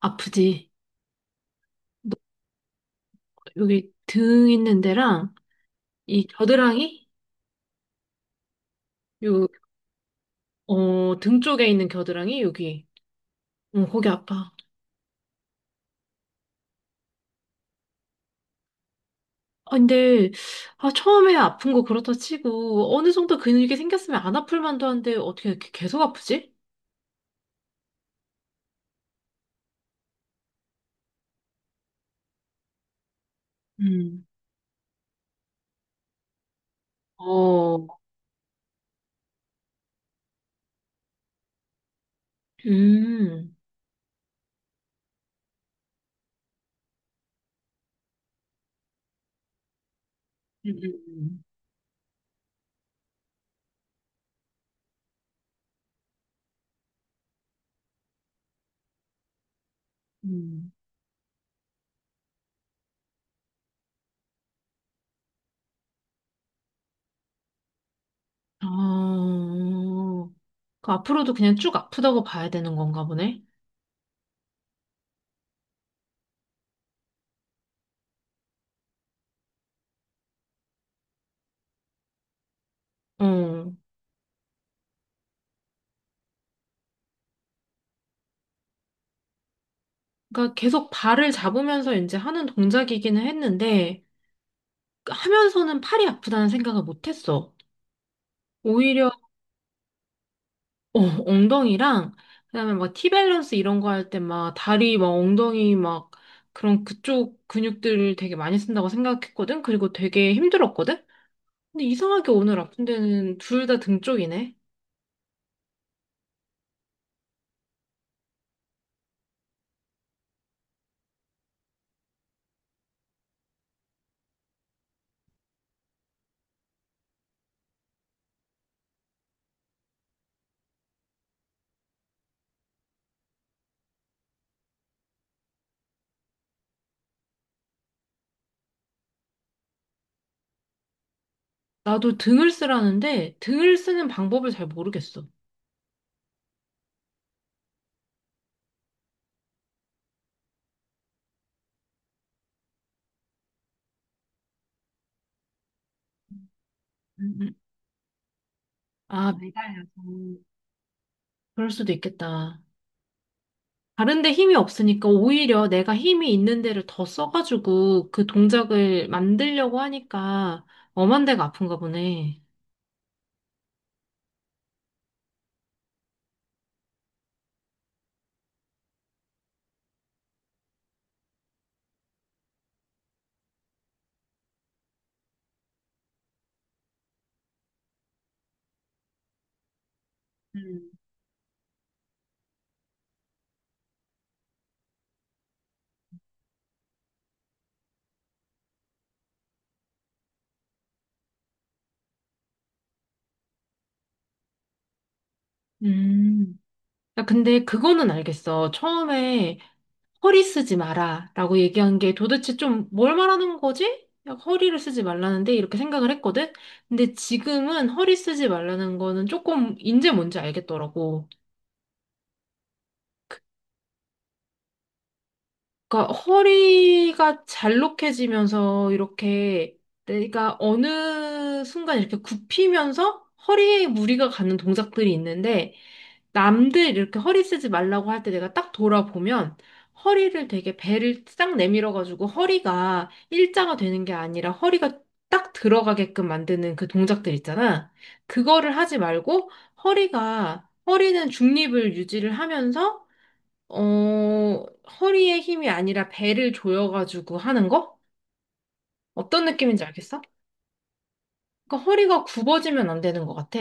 아프지. 너 여기 등 있는 데랑 이 겨드랑이 요 어 등 쪽에 있는 겨드랑이 여기 어 거기 아파. 아 근데 아 처음에 아픈 거 그렇다 치고 어느 정도 근육이 생겼으면 안 아플 만도 한데 어떻게 이렇게 계속 아프지? 음, 어. 음. 음, 음, 음. 아, 그 앞으로도 그냥 쭉 아프다고 봐야 되는 건가 보네. 어. 그러니까 계속 발을 잡으면서 이제 하는 동작이기는 했는데, 하면서는 팔이 아프다는 생각을 못 했어. 오히려 어, 엉덩이랑 그다음에 막 티밸런스 이런 거 할 때 막 다리 막 엉덩이 막 그런 그쪽 근육들을 되게 많이 쓴다고 생각했거든. 그리고 되게 힘들었거든. 근데 이상하게 오늘 아픈 데는 둘 다 등 쪽이네. 나도 등을 쓰라는데 등을 쓰는 방법을 잘 모르겠어. 음, 음. 아, 매달려서. 그럴 수도 있겠다. 다른 데 힘이 없으니까 오히려 내가 힘이 있는 데를 더 써가지고 그 동작을 만들려고 하니까 엄한 데가 아픈가 보네. 음. 음. 야, 근데 그거는 알겠어. 처음에 허리 쓰지 마라 라고 얘기한 게 도대체 좀 뭘 말하는 거지? 야, 허리를 쓰지 말라는데 이렇게 생각을 했거든? 근데 지금은 허리 쓰지 말라는 거는 조금 이제 뭔지 알겠더라고. 그러니까 허리가 잘록해지면서 이렇게 내가 어느 순간 이렇게 굽히면서 허리에 무리가 가는 동작들이 있는데 남들 이렇게 허리 쓰지 말라고 할 때 내가 딱 돌아보면 허리를 되게 배를 딱 내밀어 가지고 허리가 일자가 되는 게 아니라 허리가 딱 들어가게끔 만드는 그 동작들 있잖아. 그거를 하지 말고 허리가 허리는 중립을 유지를 하면서 어, 허리에 힘이 아니라 배를 조여가지고 하는 거? 어떤 느낌인지 알겠어? 그러니까 허리가 굽어지면 안 되는 것 같아.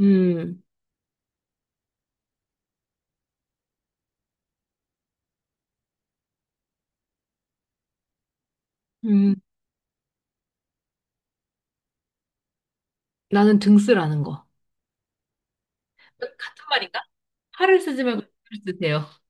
음, 음, 나는 등 쓰라는 거. 같은 말인가? 팔을 쓰지 말고 등을 쓰세요.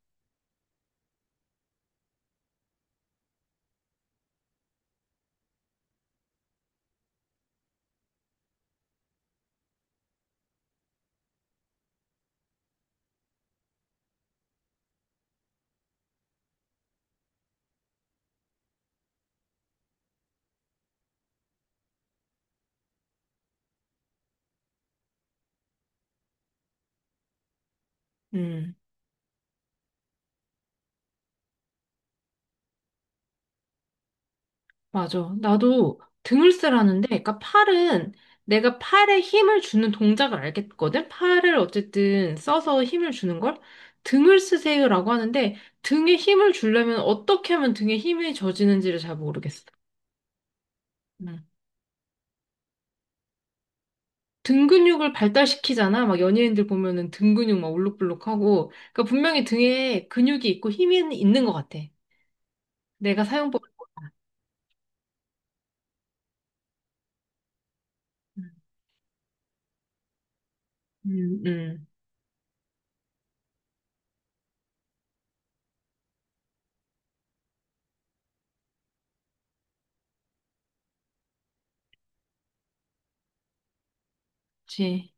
음, 맞아. 나도 등을 쓰라는데, 그러니까 팔은 내가 팔에 힘을 주는 동작을 알겠거든? 팔을 어쨌든 써서 힘을 주는 걸? 등을 쓰세요라고 하는데, 등에 힘을 주려면 어떻게 하면 등에 힘이 저지는지를 잘 모르겠어. 음. 등 근육을 발달시키잖아. 막 연예인들 보면은 등 근육 막 울룩불룩하고. 그러니까 분명히 등에 근육이 있고 힘이 있는 것 같아. 내가 사용법. 음, 음, 그치.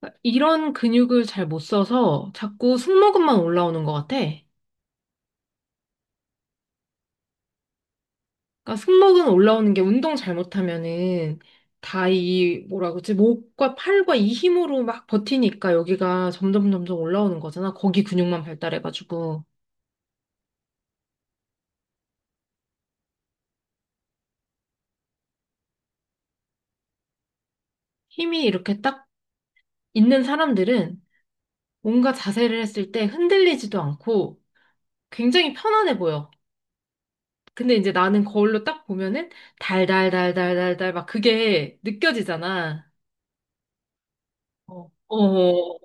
그러니까 이런 근육을 잘 못 써서 자꾸 승모근만 올라오는 것 같아. 그러니까 승모근 올라오는 게 운동 잘못하면은 다 이 뭐라 그러지? 목과 팔과 이 힘으로 막 버티니까 여기가 점점 올라오는 거잖아. 거기 근육만 발달해가지고 힘이 이렇게 딱 있는 사람들은 뭔가 자세를 했을 때 흔들리지도 않고 굉장히 편안해 보여. 근데 이제 나는 거울로 딱 보면은 달달달달달달 막 그게 느껴지잖아. 어. 어, 어,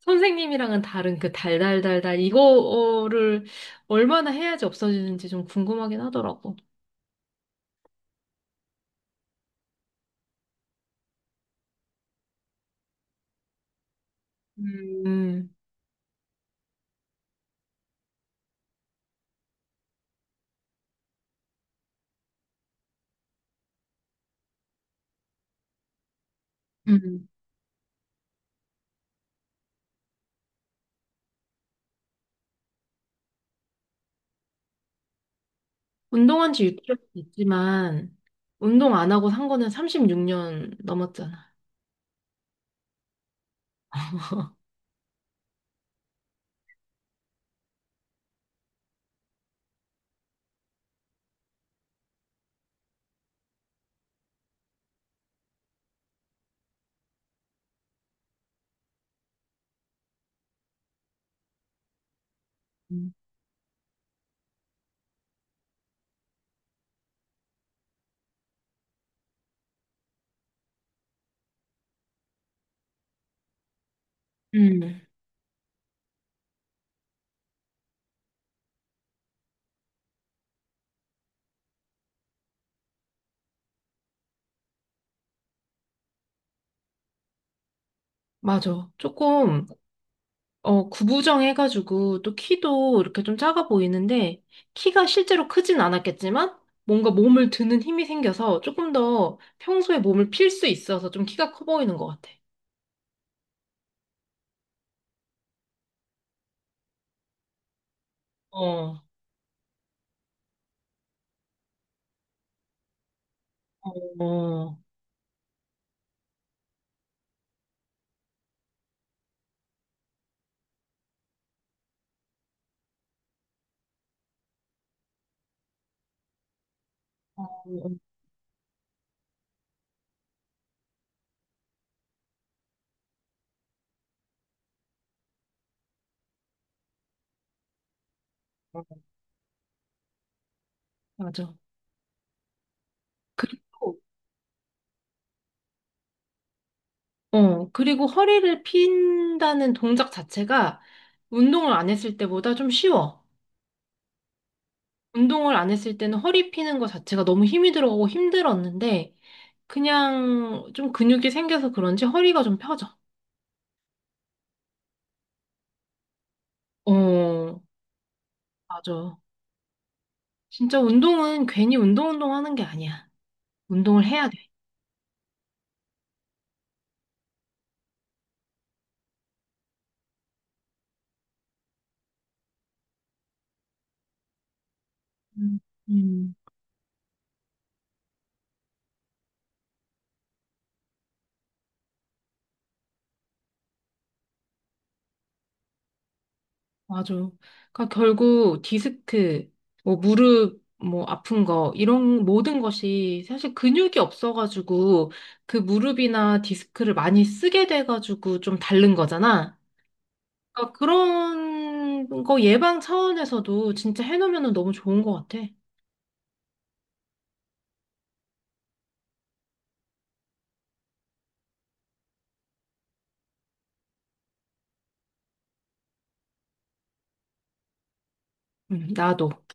선생님이랑은 다른 그 달달달달 이거를 얼마나 해야지 없어지는지 좀 궁금하긴 하더라고. 음, 음. 운동한 지 6개월 됐지만 운동 안 하고 산 거는 36년 넘었잖아. 음. 음, 맞아. 조금 구부정 해가지고 또 키도 이렇게 좀 작아 보이는데 키가 실제로 크진 않았겠지만 뭔가 몸을 드는 힘이 생겨서 조금 더 평소에 몸을 필 수 있어서 좀 키가 커 보이는 것 같아. 어, 어, 맞아. 그리고, 그리고 허리를 핀다는 동작 자체가 운동을 안 했을 때보다 좀 쉬워. 운동을 안 했을 때는 허리 피는 거 자체가 너무 힘이 들어가고 힘들었는데 그냥 좀 근육이 생겨서 그런지 허리가 좀 펴져. 어, 맞아. 진짜 운동은 괜히 운동 운동 하는 게 아니야. 운동을 해야 돼. 음, 음. 맞아. 그러니까 결국 디스크, 뭐 무릎, 뭐 아픈 거 이런 모든 것이 사실 근육이 없어가지고 그 무릎이나 디스크를 많이 쓰게 돼가지고 좀 다른 거잖아. 그러니까 그런 거 예방 차원에서도 진짜 해놓으면 너무 좋은 것 같아. 나도.